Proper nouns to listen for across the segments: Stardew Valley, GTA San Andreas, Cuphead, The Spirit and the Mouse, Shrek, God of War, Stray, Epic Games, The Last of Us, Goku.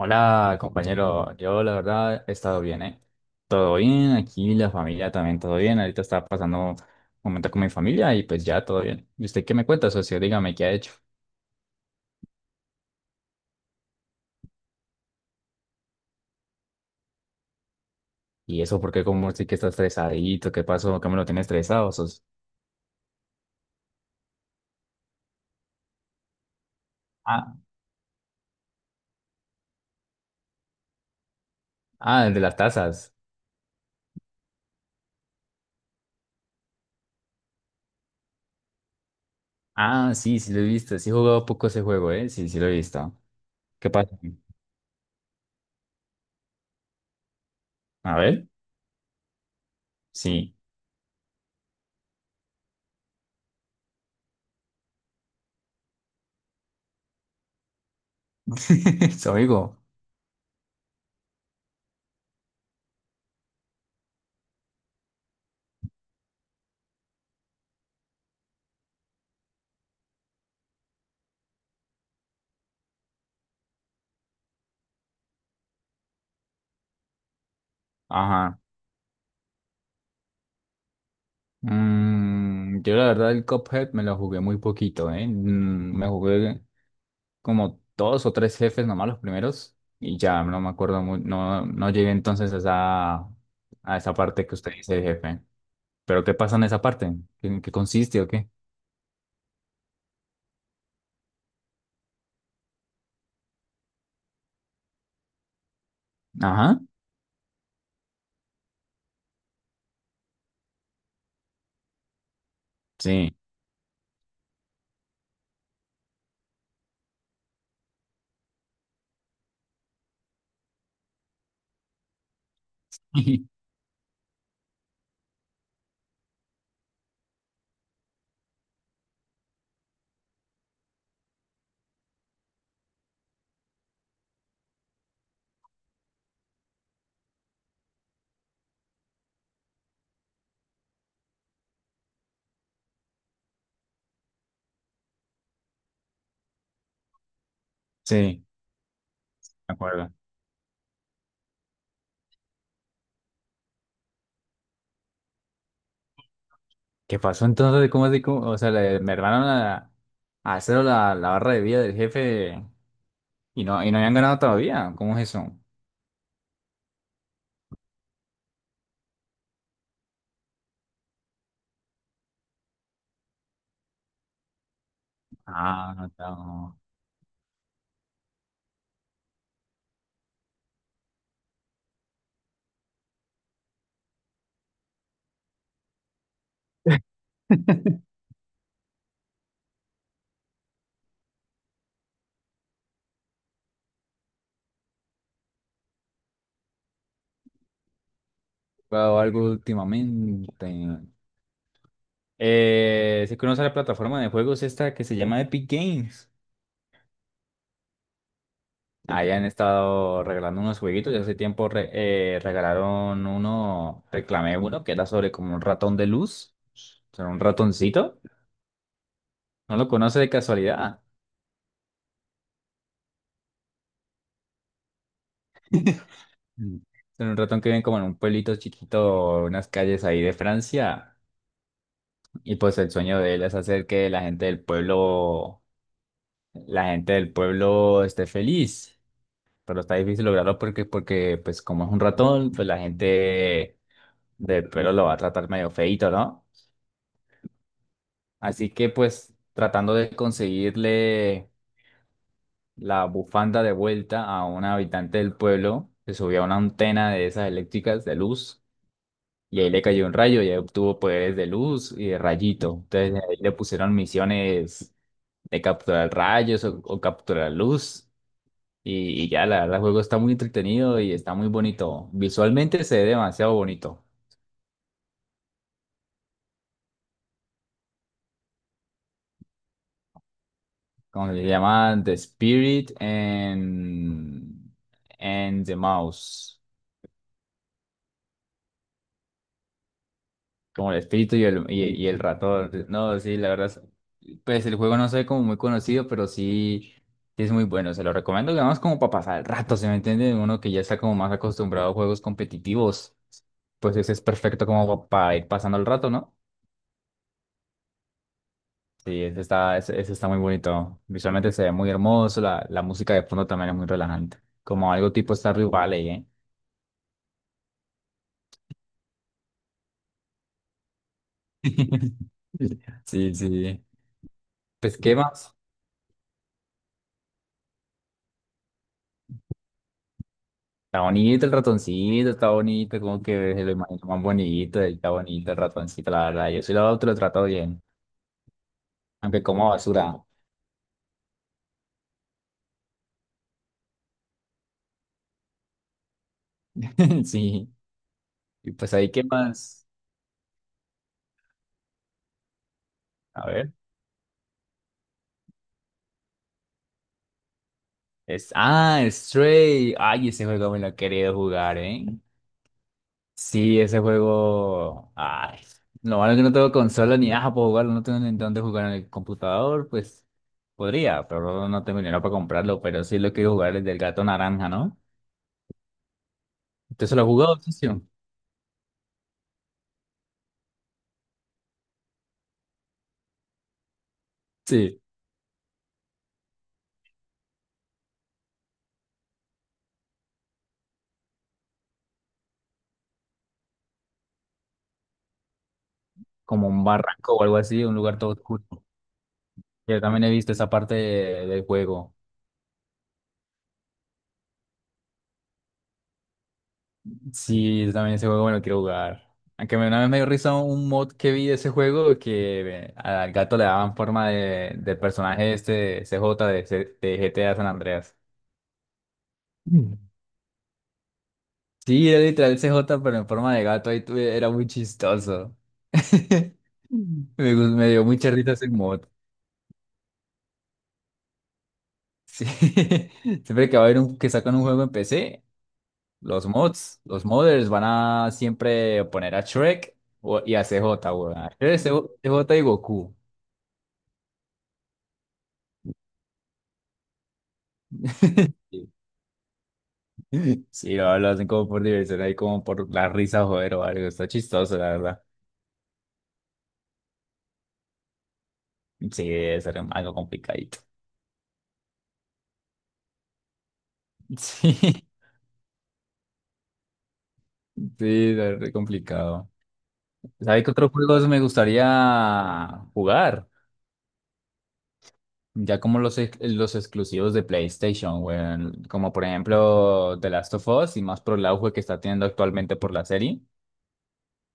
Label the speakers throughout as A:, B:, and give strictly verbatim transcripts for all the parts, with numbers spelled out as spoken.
A: Hola, compañero. Yo, la verdad, he estado bien, ¿eh? Todo bien, aquí la familia también todo bien. Ahorita estaba pasando un momento con mi familia y pues ya todo bien. ¿Y usted qué me cuenta, socio? Dígame qué ha hecho. ¿Y eso por qué como sí que está estresadito? ¿Qué pasó? ¿Qué me lo tiene estresado, socio? Ah, ah, el de las tazas. Ah, sí, sí lo he visto. Sí he jugado poco ese juego, ¿eh? Sí, sí lo he visto. ¿Qué pasa? A ver. Sí. Su amigo. Ajá. Mm, yo la verdad el Cuphead me lo jugué muy poquito, ¿eh? Mm, Me jugué como dos o tres jefes nomás los primeros y ya no me acuerdo muy, no, no llegué entonces a esa, a esa parte que usted dice de jefe. ¿Pero qué pasa en esa parte? ¿En qué consiste o qué? Ajá, sí, sí, me acuerdo. ¿Qué pasó entonces? ¿Cómo así? ¿Cómo? O sea, le, me hermanaron a, a cero la, la barra de vida del jefe y no, y no habían ganado todavía. ¿Cómo es eso? Ah, no, está. Jugado algo últimamente. Eh, si conoce la plataforma de juegos esta que se llama Epic Games. Ahí han estado regalando unos jueguitos. Ya hace tiempo re- eh, regalaron uno, reclamé uno, que era sobre como un ratón de luz. O sea, un ratoncito. No lo conoce de casualidad. Mm. Son un ratón que vive como en un pueblito chiquito, unas calles ahí de Francia. Y pues el sueño de él es hacer que la gente del pueblo, la gente del pueblo esté feliz, pero está difícil lograrlo porque, porque pues como es un ratón, pues la gente del pelo lo va a tratar medio feíto, ¿no? Así que pues tratando de conseguirle la bufanda de vuelta a un habitante del pueblo, se subió a una antena de esas eléctricas de luz y ahí le cayó un rayo y ahí obtuvo poderes de luz y de rayito. Entonces ahí le pusieron misiones de capturar rayos o, o capturar luz. Y, y ya, la verdad, el juego está muy entretenido y está muy bonito. Visualmente se ve demasiado bonito. Como se llama The Spirit and, and the Mouse. Como el espíritu y el, y, y el ratón. No, sí, la verdad. es- Pues el juego no se ve como muy conocido, pero sí, sí es muy bueno. Se lo recomiendo, digamos, como para pasar el rato, ¿se me entiende? Uno que ya está como más acostumbrado a juegos competitivos, pues ese es perfecto como para ir pasando el rato, ¿no? Sí, ese está, ese, ese está muy bonito. Visualmente se ve muy hermoso, la, la música de fondo también es muy relajante. Como algo tipo Stardew Valley, ¿eh? Sí, sí. Pues, ¿qué más? Está bonito el ratoncito, está bonito, como que se lo imagino más bonito, está bonito el ratoncito, la verdad. Yo sí lo, te lo trato bien, aunque como basura. Sí. Y pues ahí, ¿qué más? A ver. Es, ah, Stray. Ay, ese juego me lo he querido jugar, ¿eh? Sí, ese juego. Ay, lo malo es que no tengo consola ni nada para jugarlo, no tengo ni dónde jugar en el computador, pues podría, pero no tengo dinero para comprarlo. Pero sí lo quiero jugar, el del gato naranja, ¿no? ¿Usted se lo ha jugado, socio? Sí, como un barranco o algo así, un lugar todo oscuro. Yo también he visto esa parte de- del juego. Sí, yo también ese juego me lo quiero jugar. Aunque me- una vez me dio risa un mod que vi de ese juego que eh, al gato le daban forma de, del personaje este de C J de, C- de G T A San Andreas. Mm. Sí, era literal C J, pero en forma de gato, ahí tuve- era muy chistoso. Me, gus- me dio mucha risa ese mod. Sí. Siempre que va a haber un, que sacan un juego en P C, los mods, los modders van a siempre poner a Shrek o- y a C J, weón. A Shrek, C J C J y Goku. Sí, sí, lo, lo hacen como por diversión, ahí como por la risa, joder, o algo. Está chistoso, la verdad. Sí, debe ser algo complicadito. Sí, sí, debe ser complicado. ¿Sabe qué otros juegos me gustaría jugar? Ya como los, ex- los exclusivos de PlayStation, weón. Como por ejemplo The Last of Us y más por el auge que está teniendo actualmente por la serie. Me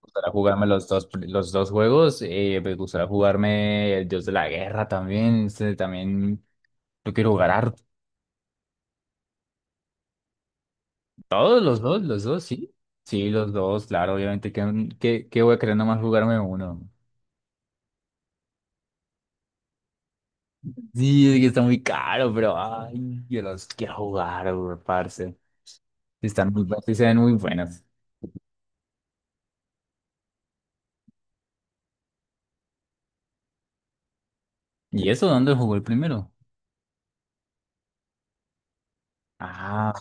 A: gustaría jugarme los dos, pr- los dos juegos. Eh, me gustaría jugarme el Dios de la Guerra también. Este, también yo quiero jugar harto. Todos los dos, los dos, sí. Sí, los dos, claro, obviamente. ¿Qué, qué, qué voy a querer nomás jugarme uno? Sí, es que está muy caro, pero ay, yo los quiero jugar, weón, parce. Sí, están muy buenas, sí se ven muy buenas. ¿Y eso dónde jugó el primero? Ah,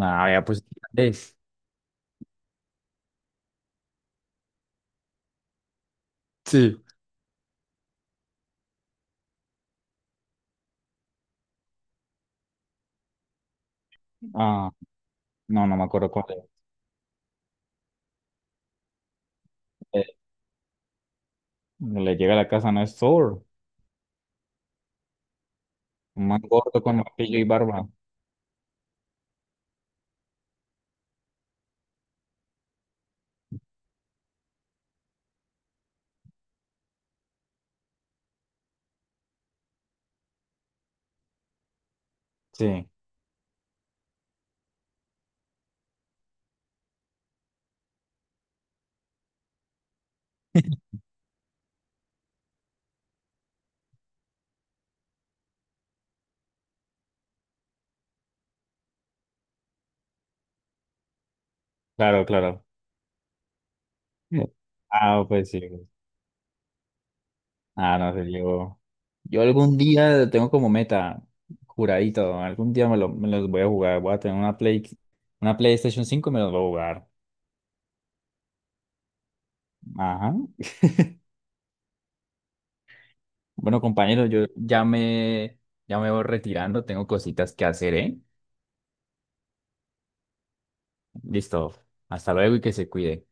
A: ah, ya pues irlandés. Sí. Ah, no, no me acuerdo cuál es. Eh, le llega a la casa, no es Thor. Un man gordo con martillo y barba. Sí, claro, claro. Mm. Ah, pues sí. Ah, no sé, yo. Yo algún día tengo como meta, juradito, algún día me, lo- me los voy a jugar. Voy a tener una Play, Una PlayStation cinco y me los voy a jugar. Ajá. Bueno, compañero, yo ya me, ya me voy retirando, tengo cositas que hacer, ¿eh? Listo, hasta luego y que se cuide.